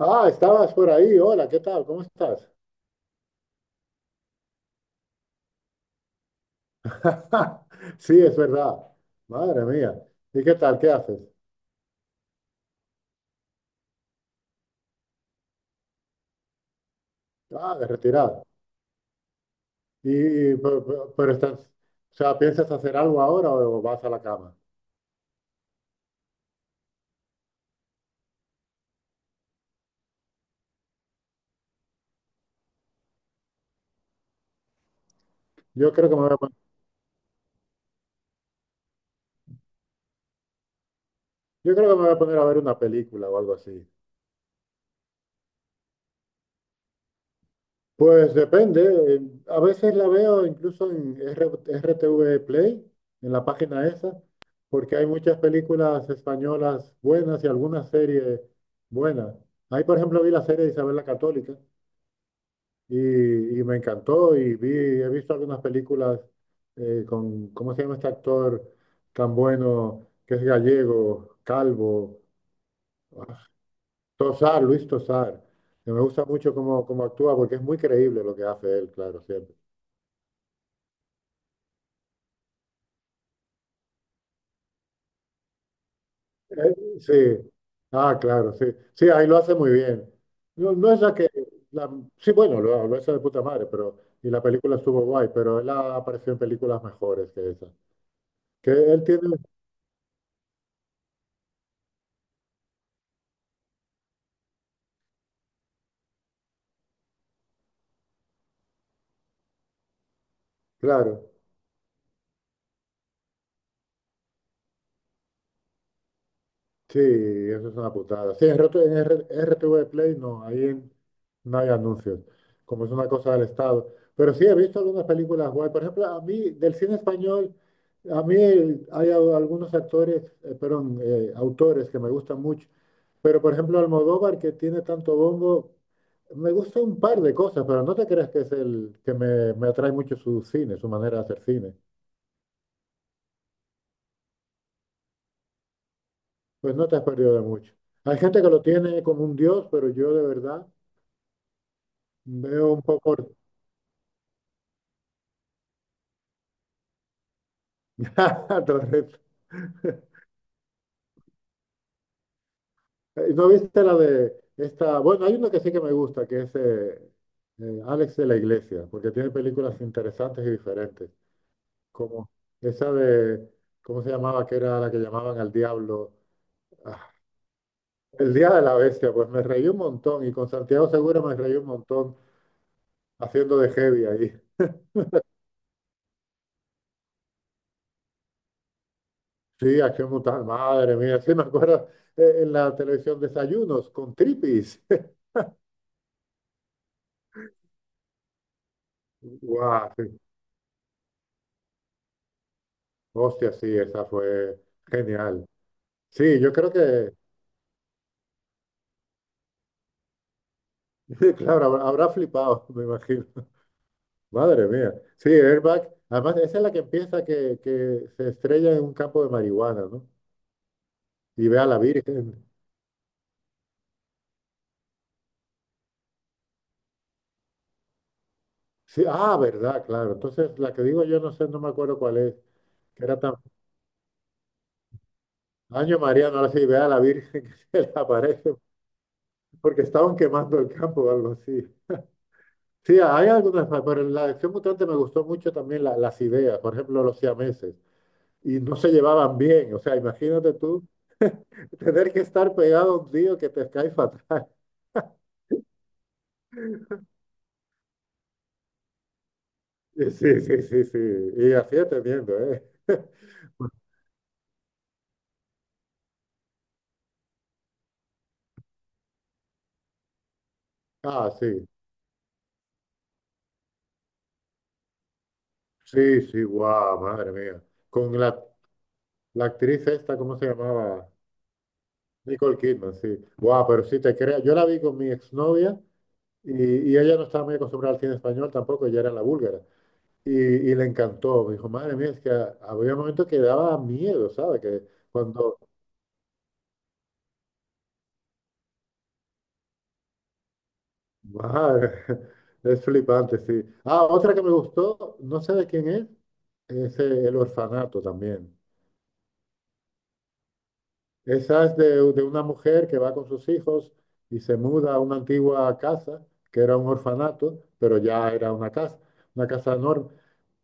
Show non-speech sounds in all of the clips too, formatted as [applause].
Ah, estabas por ahí. Hola, ¿qué tal? ¿Cómo estás? [laughs] Sí, es verdad. Madre mía. ¿Y qué tal? ¿Qué haces? Ah, de retirar. Y, pero estás, o sea, ¿piensas hacer algo ahora o vas a la cama? Yo creo que me voy a, pon- yo creo que me voy a poner a ver una película o algo así. Pues depende. eh, A veces la veo incluso en RTV Play, en la página esa, porque hay muchas películas españolas buenas y algunas series buenas. Ahí, por ejemplo, vi la serie de Isabel la Católica y, y me encantó y he visto algunas películas con, ¿cómo se llama este actor tan bueno que es gallego, calvo? Ah, Tosar, Luis Tosar. Que Me gusta mucho cómo actúa porque es muy creíble lo que hace él, claro, siempre. Eh, Sí, ah, claro, sí. Sí, ahí lo hace muy bien. No, no es la que... la- sí, bueno, lo hace de puta madre, pero... Y la película estuvo guay, pero él ha aparecido en películas mejores que esa. Que él tiene... Claro, sí, eso es una putada. Sí, en RTV Play no, no hay anuncios, como es una cosa del Estado. Pero sí, he visto algunas películas guay. Por ejemplo, a mí, del cine español... A mí hay algunos actores, perdón, autores que me gustan mucho. Pero, por ejemplo, Almodóvar, que tiene tanto bombo, me gusta un par de cosas, pero no te creas que es el que me atrae mucho su cine, su manera de hacer cine. Pues no te has perdido de mucho. Hay gente que lo tiene como un dios, pero yo de verdad veo un poco... [laughs] Torres. ¿No viste la de esta? Bueno, hay uno que sí que me gusta, que es Alex de la Iglesia, porque tiene películas interesantes y diferentes, como esa de, ¿cómo se llamaba? Que era la que llamaban al diablo. Ah, El Día de la Bestia, pues me reí un montón y con Santiago Segura me reí un montón haciendo de heavy ahí. Sí, Acción Mutal, madre mía, sí me acuerdo en la televisión Desayunos con Tripis. [laughs] Guau, sí. Hostia, sí, esa fue genial. Sí, yo creo [laughs] claro, habrá flipado, [laughs] me imagino. Madre mía. Sí, Airbag, además esa es la que empieza que se estrella en un campo de marihuana, ¿no? Y ve a la Virgen. Sí, ah, verdad, claro. Entonces, la que digo yo no sé, no me acuerdo cuál es. Que era tan año María, no sé si ve a la Virgen [laughs] que se le aparece, porque estaban quemando el campo o algo así. Sí, hay algunas más, pero en la acción mutante me gustó mucho también las ideas, por ejemplo, los siameses, y no se llevaban bien, o sea, imagínate tú [laughs] tener que estar pegado a un tío que te cae fatal. [laughs] Sí, sí, sí, sí, sí, y así entendiendo, ¿eh? Ah, sí, sí, sí, guau, madre mía. Con la actriz esta, ¿cómo se llamaba? Nicole Kidman, sí. Guau, pero sí te creas, yo la vi con mi exnovia. Y ella no estaba muy acostumbrada al cine español tampoco, ella era la búlgara. Y le encantó, me dijo, madre mía, es que a había momentos que daba miedo, ¿sabes? Cuando, madre, [laughs] es flipante, sí. Ah, otra que me gustó, no sé de quién es El Orfanato también. Esa es de una mujer que va con sus hijos y se muda a una antigua casa, que era un orfanato, pero ya era una casa enorme.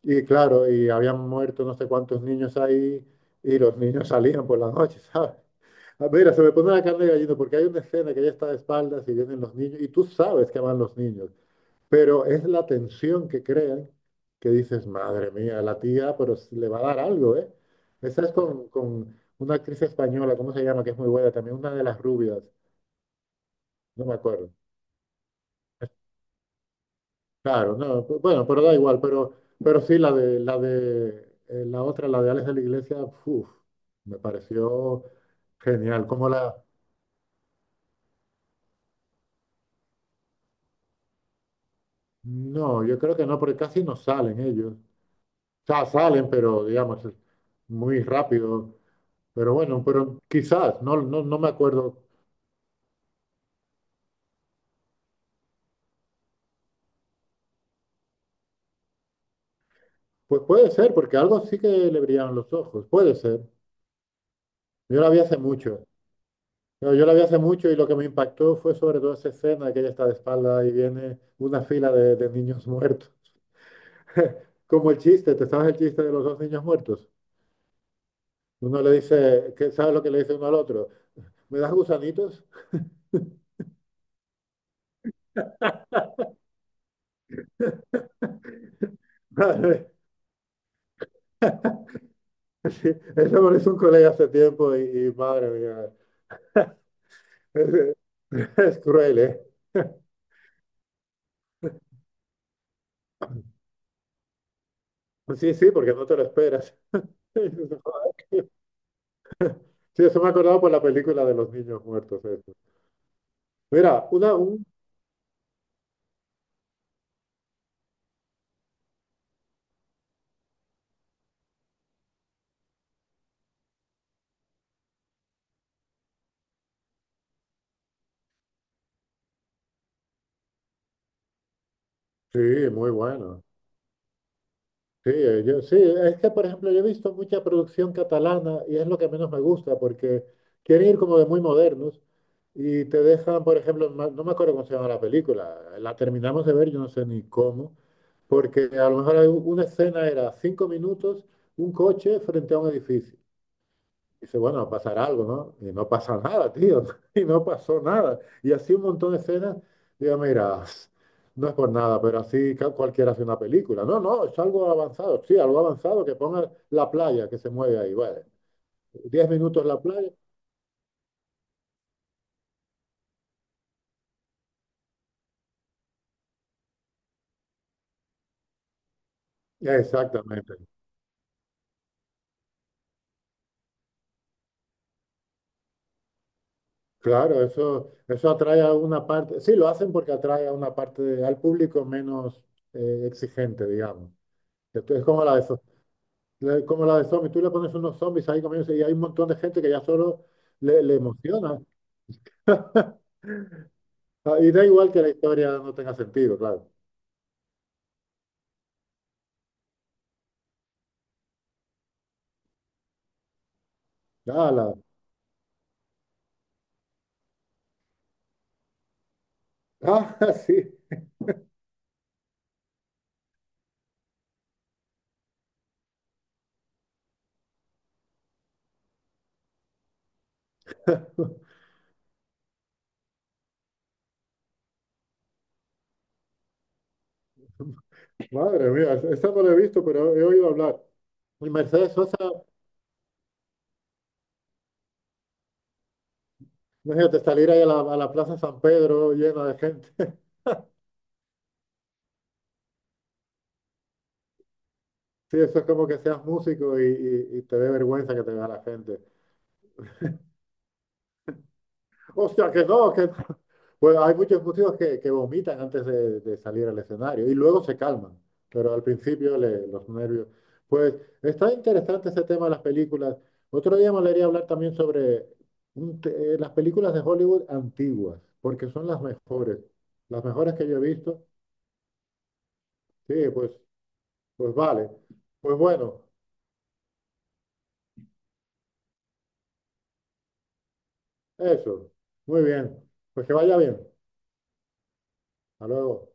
Y claro, y habían muerto no sé cuántos niños ahí y los niños [laughs] salían por la noche, ¿sabes? Ah, mira, se me pone la carne de gallina porque hay una escena que ella está de espaldas y vienen los niños y tú sabes que van los niños. Pero es la tensión que crean, que dices, madre mía, la tía, pero le va a dar algo, ¿eh? Esa es con una actriz española, ¿cómo se llama? Que es muy buena también, una de las rubias, no me acuerdo. Claro, no, bueno, pero da igual, pero sí, la otra, la de Alex de la Iglesia, uf, me pareció genial. No, yo creo que no, porque casi no salen ellos. O sea, salen, pero digamos, es muy rápido. Pero bueno, pero quizás, no me acuerdo. Pues puede ser, porque algo sí que le brillaban los ojos, puede ser. Yo la vi hace mucho. Yo la vi hace mucho y lo que me impactó fue sobre todo esa escena de que ella está de espalda y viene una fila de niños muertos. [laughs] Como el chiste, ¿te sabes el chiste de los dos niños muertos? Uno le dice, qué, ¿sabes lo que le dice uno al otro? ¿Me das gusanitos? [laughs] Madre, sí, eso me lo hizo un colega hace tiempo y madre mía, [laughs] es, es cruel, ¿eh? Sí, sí, porque no te lo esperas. [laughs] Sí, sí, sí. Sí, eso me acordaba por la película de los niños muertos. Eso. Mira, una, un... Sí, muy bueno. Sí, sí, es que, por ejemplo, yo he visto mucha producción catalana y es lo que menos me gusta porque quieren ir como de muy modernos y te dejan, por ejemplo, no me acuerdo cómo se llama la película, la terminamos de ver, yo no sé ni cómo, porque a lo mejor hay una escena era cinco minutos, un coche frente a un edificio. Dice, bueno, va a pasar algo, ¿no? Y no pasa nada, tío. [laughs] Y no pasó nada. Y así un montón de escenas. Digo, mira, no es por nada, pero así cualquiera hace una película. No, no, es algo avanzado. Sí, algo avanzado que ponga la playa que se mueve ahí. Bueno, diez minutos la playa. Exactamente. Claro, eso atrae a una parte. Sí, lo hacen porque atrae a una parte al público menos exigente, digamos. Esto es como la de, Le- Como la de zombies, tú le pones unos zombies ahí comiéndose y hay un montón de gente que ya solo le emociona. Ah, y da igual que la historia no tenga sentido, claro. Ah, la, [laughs] sí. Madre mía, esa no la he visto, pero he oído hablar. Y Mercedes Sosa, imagínate salir ahí a a la Plaza San Pedro llena de gente. [laughs] Sí, eso es como que seas músico y te dé vergüenza que te vea la gente. Hostia, que no, que no. Bueno, hay muchos músicos que vomitan antes de salir al escenario y luego se calman, pero al principio los nervios. Pues está interesante ese tema de las películas. Otro día me gustaría hablar también sobre las películas de Hollywood antiguas, porque son las mejores que yo he visto. Sí, pues, pues vale. Pues bueno, eso. Muy bien. Pues que vaya bien. Hasta luego.